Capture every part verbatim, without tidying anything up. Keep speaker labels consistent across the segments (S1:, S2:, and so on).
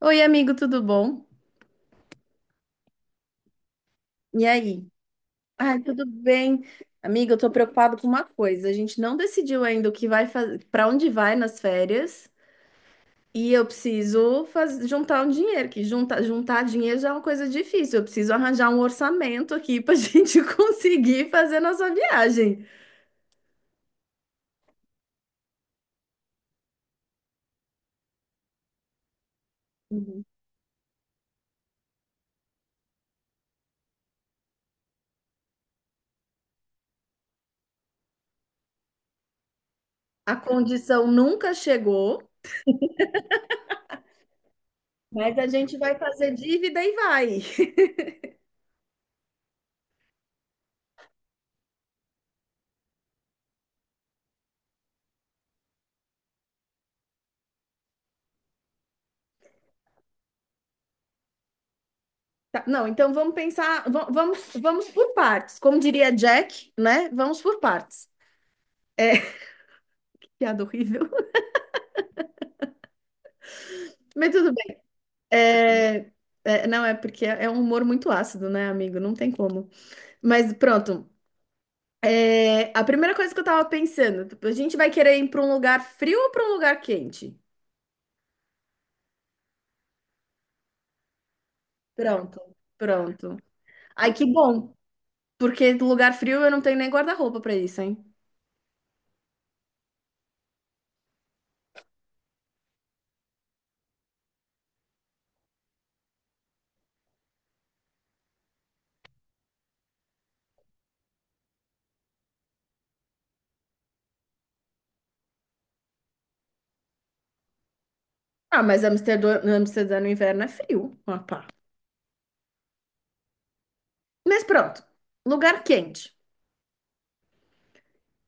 S1: Oi, amigo, tudo bom? E aí? Ai, tudo bem. Amigo, eu tô preocupado com uma coisa. A gente não decidiu ainda o que vai fazer, para onde vai nas férias, e eu preciso faz... juntar um dinheiro, que junta... juntar dinheiro já é uma coisa difícil. Eu preciso arranjar um orçamento aqui pra gente conseguir fazer nossa viagem. Uhum. A condição nunca chegou, mas a gente vai fazer dívida e vai. Tá, não, então vamos pensar, va- vamos, vamos por partes. Como diria Jack, né? Vamos por partes. É, piada horrível. Mas tudo bem. É, é, não, é porque é é um humor muito ácido, né, amigo? Não tem como. Mas pronto. É, a primeira coisa que eu tava pensando, tipo, a gente vai querer ir pra um lugar frio ou pra um lugar quente? Pronto, pronto. Ai, que bom, porque lugar frio eu não tenho nem guarda-roupa pra isso, hein? Ah, mas Amsterdã, Amsterdã no inverno é frio. Ah, pá. Mas pronto, lugar quente.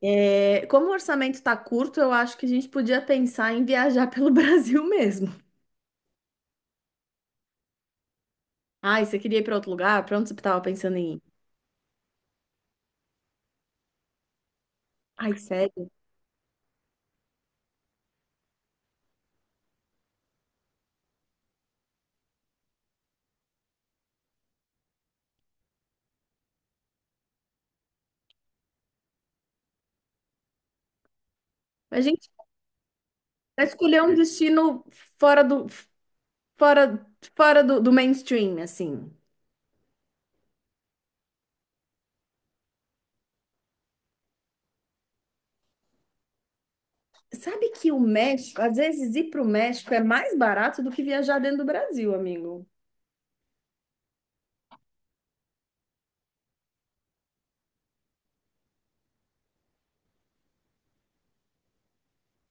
S1: É, como o orçamento tá curto, eu acho que a gente podia pensar em viajar pelo Brasil mesmo. Ai, você queria ir para outro lugar? Para onde você estava pensando em ir? Ai, sério? A gente vai escolher um destino fora do, fora, fora do, do mainstream, assim. Sabe que o México, às vezes ir para o México é mais barato do que viajar dentro do Brasil, amigo.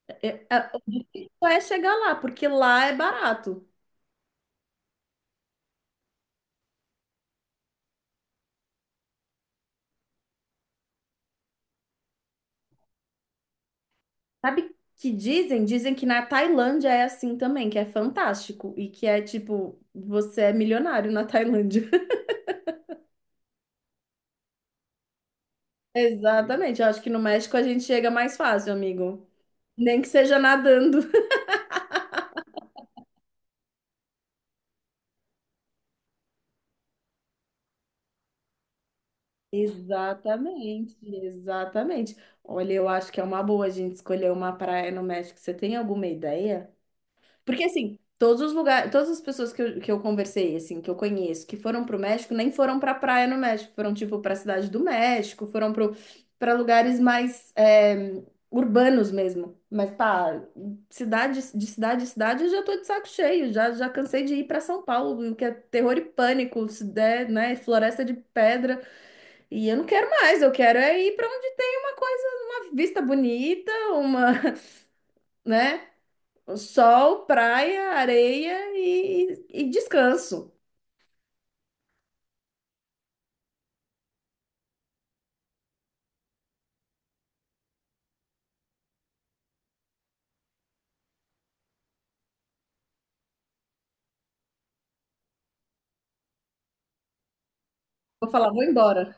S1: É, é, o difícil é chegar lá, porque lá é barato. Sabe que dizem? Dizem que na Tailândia é assim também, que é fantástico e que é tipo, você é milionário na Tailândia. Exatamente. Eu acho que no México a gente chega mais fácil, amigo. Nem que seja nadando. Exatamente, exatamente. Olha, eu acho que é uma boa a gente escolher uma praia no México. Você tem alguma ideia? Porque assim, todos os lugares, todas as pessoas que eu, que eu conversei, assim, que eu conheço, que foram pro México, nem foram pra praia no México, foram tipo pra cidade do México, foram pro, pra lugares mais é, urbanos mesmo. Mas pá, cidade, de cidade em cidade, eu já tô de saco cheio, já, já cansei de ir pra São Paulo, que é terror e pânico, se der, né, floresta de pedra, e eu não quero mais, eu quero é ir pra onde tem uma coisa, uma vista bonita, uma, né? Sol, praia, areia e, e descanso. Vou falar, vou embora.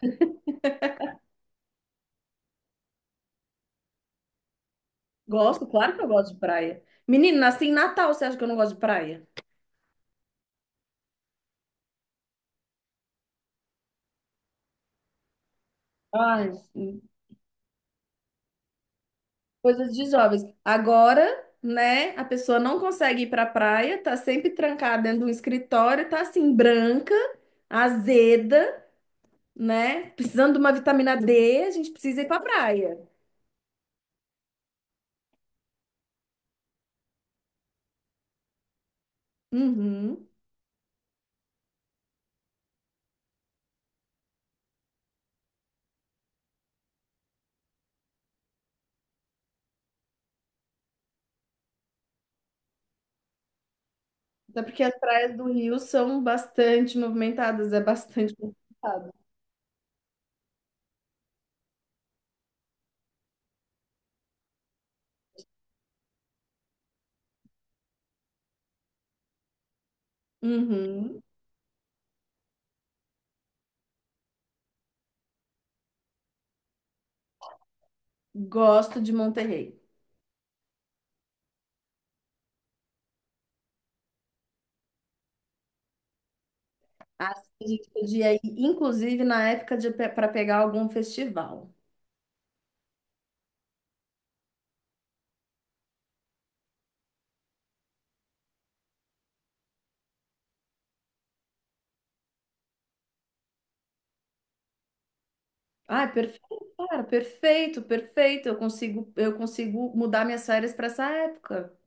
S1: Gosto, claro que eu gosto de praia. Menino, nasci em Natal, você acha que eu não gosto de praia? Ai, coisas de jovens. Agora, né, a pessoa não consegue ir pra praia, tá sempre trancada dentro de um escritório, tá assim, branca, azeda, né? Precisando de uma vitamina D, a gente precisa ir pra praia. Uhum. Até porque as praias do Rio são bastante movimentadas, é bastante movimentado. Uhum. Gosto de Monterrey. Acho que a gente podia ir, inclusive, na época de para pegar algum festival. Ah, perfeito, cara, perfeito, perfeito. Eu consigo, eu consigo mudar minhas férias para essa época.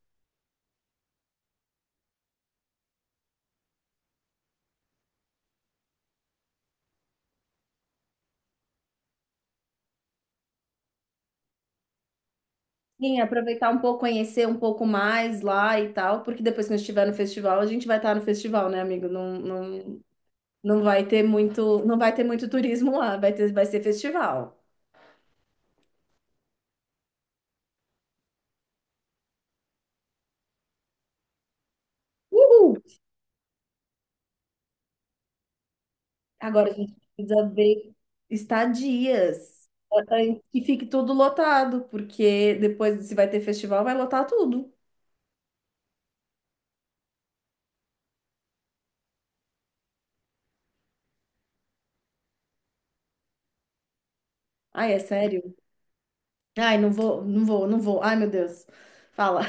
S1: Sim, aproveitar um pouco, conhecer um pouco mais lá e tal, porque depois que a gente estiver no festival, a gente vai estar no festival, né, amigo? Não, não, não vai ter muito, não vai ter muito turismo lá, vai ter, vai ser festival. Uhul! Agora a gente precisa ver estadias antes que fique tudo lotado, porque depois, se vai ter festival, vai lotar tudo. Ai, é sério? Ai, não vou, não vou, não vou. Ai, meu Deus. Fala.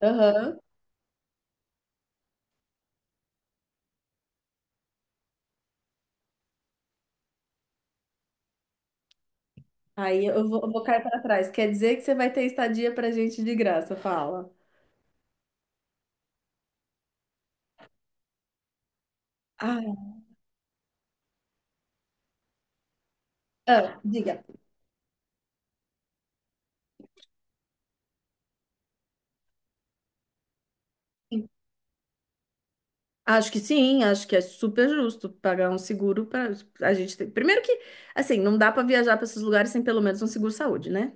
S1: Aham. Aí eu vou, eu vou cair para trás. Quer dizer que você vai ter estadia pra gente de graça, fala. Ah, ah, diga. Acho que sim, acho que é super justo pagar um seguro para a gente ter. Primeiro que, assim, não dá para viajar para esses lugares sem pelo menos um seguro saúde, né?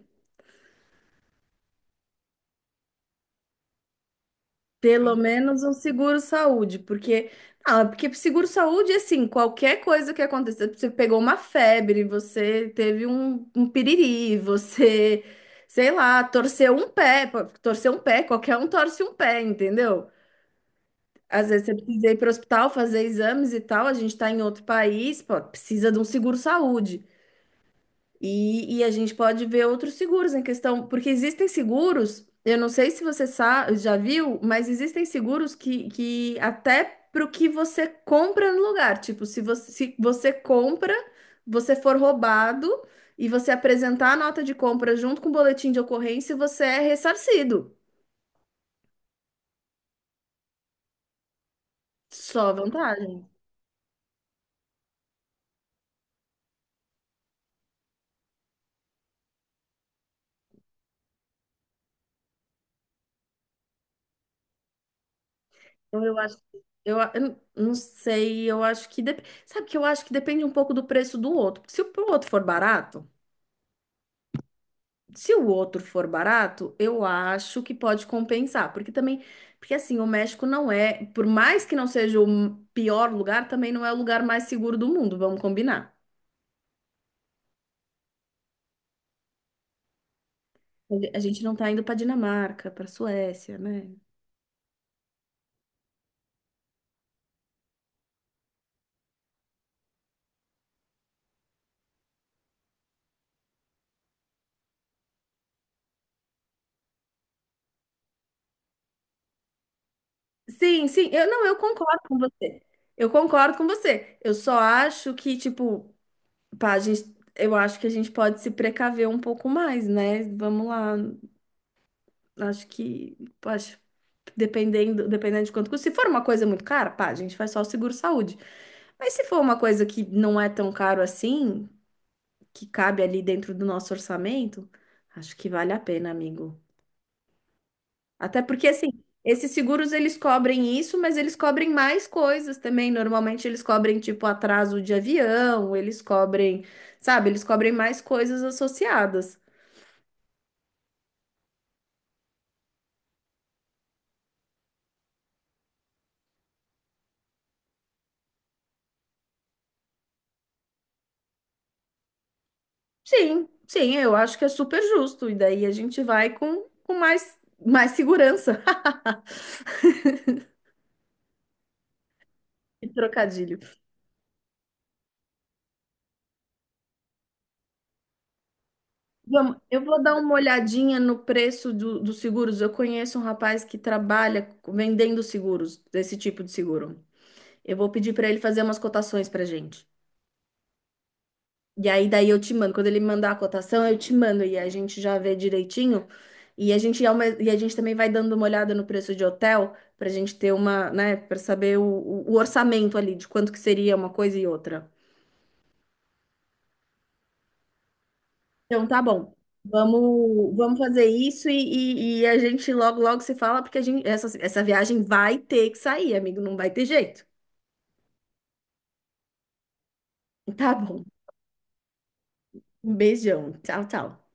S1: Pelo menos um seguro-saúde, porque ah, porque seguro-saúde, assim, qualquer coisa que aconteça, você pegou uma febre, você teve um, um piriri, você, sei lá, torceu um pé, pô, torceu um pé, qualquer um torce um pé, entendeu? Às vezes você precisa ir para o hospital fazer exames e tal, a gente está em outro país, pô, precisa de um seguro-saúde. E, e a gente pode ver outros seguros em questão, porque existem seguros, eu não sei se você sa- já viu, mas existem seguros que, que até para o que você compra no lugar. Tipo, se você, se você compra, você for roubado e você apresentar a nota de compra junto com o boletim de ocorrência, você é ressarcido. Só vantagem. Então eu acho que. Eu, a- eu não não sei, eu acho que. dep- Sabe que eu acho que depende um pouco do preço do outro. Porque se o outro for barato. Se o outro for barato, eu acho que pode compensar, porque também, porque assim, o México não é, por mais que não seja o pior lugar, também não é o lugar mais seguro do mundo, vamos combinar. A gente não tá indo para Dinamarca, para Suécia, né? Sim, sim, eu não, eu concordo com você. Eu concordo com você. Eu só acho que, tipo, pá, a gente, eu acho que a gente pode se precaver um pouco mais, né? Vamos lá. Acho que, acho, dependendo, dependendo de quanto custa. Se for uma coisa muito cara, pá, a gente faz só o seguro-saúde. Mas se for uma coisa que não é tão caro assim, que cabe ali dentro do nosso orçamento, acho que vale a pena, amigo. Até porque, assim, esses seguros eles cobrem isso, mas eles cobrem mais coisas também. Normalmente eles cobrem, tipo, atraso de avião, eles cobrem, sabe, eles cobrem mais coisas associadas. Sim, sim, eu acho que é super justo. E daí a gente vai com, com mais, mais segurança. Que trocadilho. Vamos, eu vou dar uma olhadinha no preço do- dos seguros. Eu conheço um rapaz que trabalha vendendo seguros, desse tipo de seguro. Eu vou pedir para ele fazer umas cotações para gente. E aí daí eu te mando. Quando ele mandar a cotação, eu te mando e a gente já vê direitinho. E a gente, é uma- e a gente também vai dando uma olhada no preço de hotel para a gente ter uma, né, para saber o, o o orçamento ali de quanto que seria uma coisa e outra. Então tá bom. Vamos, vamos fazer isso e, e- e a gente logo logo se fala porque a gente, essa, essa viagem vai ter que sair, amigo, não vai ter jeito. Tá bom. Um beijão. Tchau, tchau.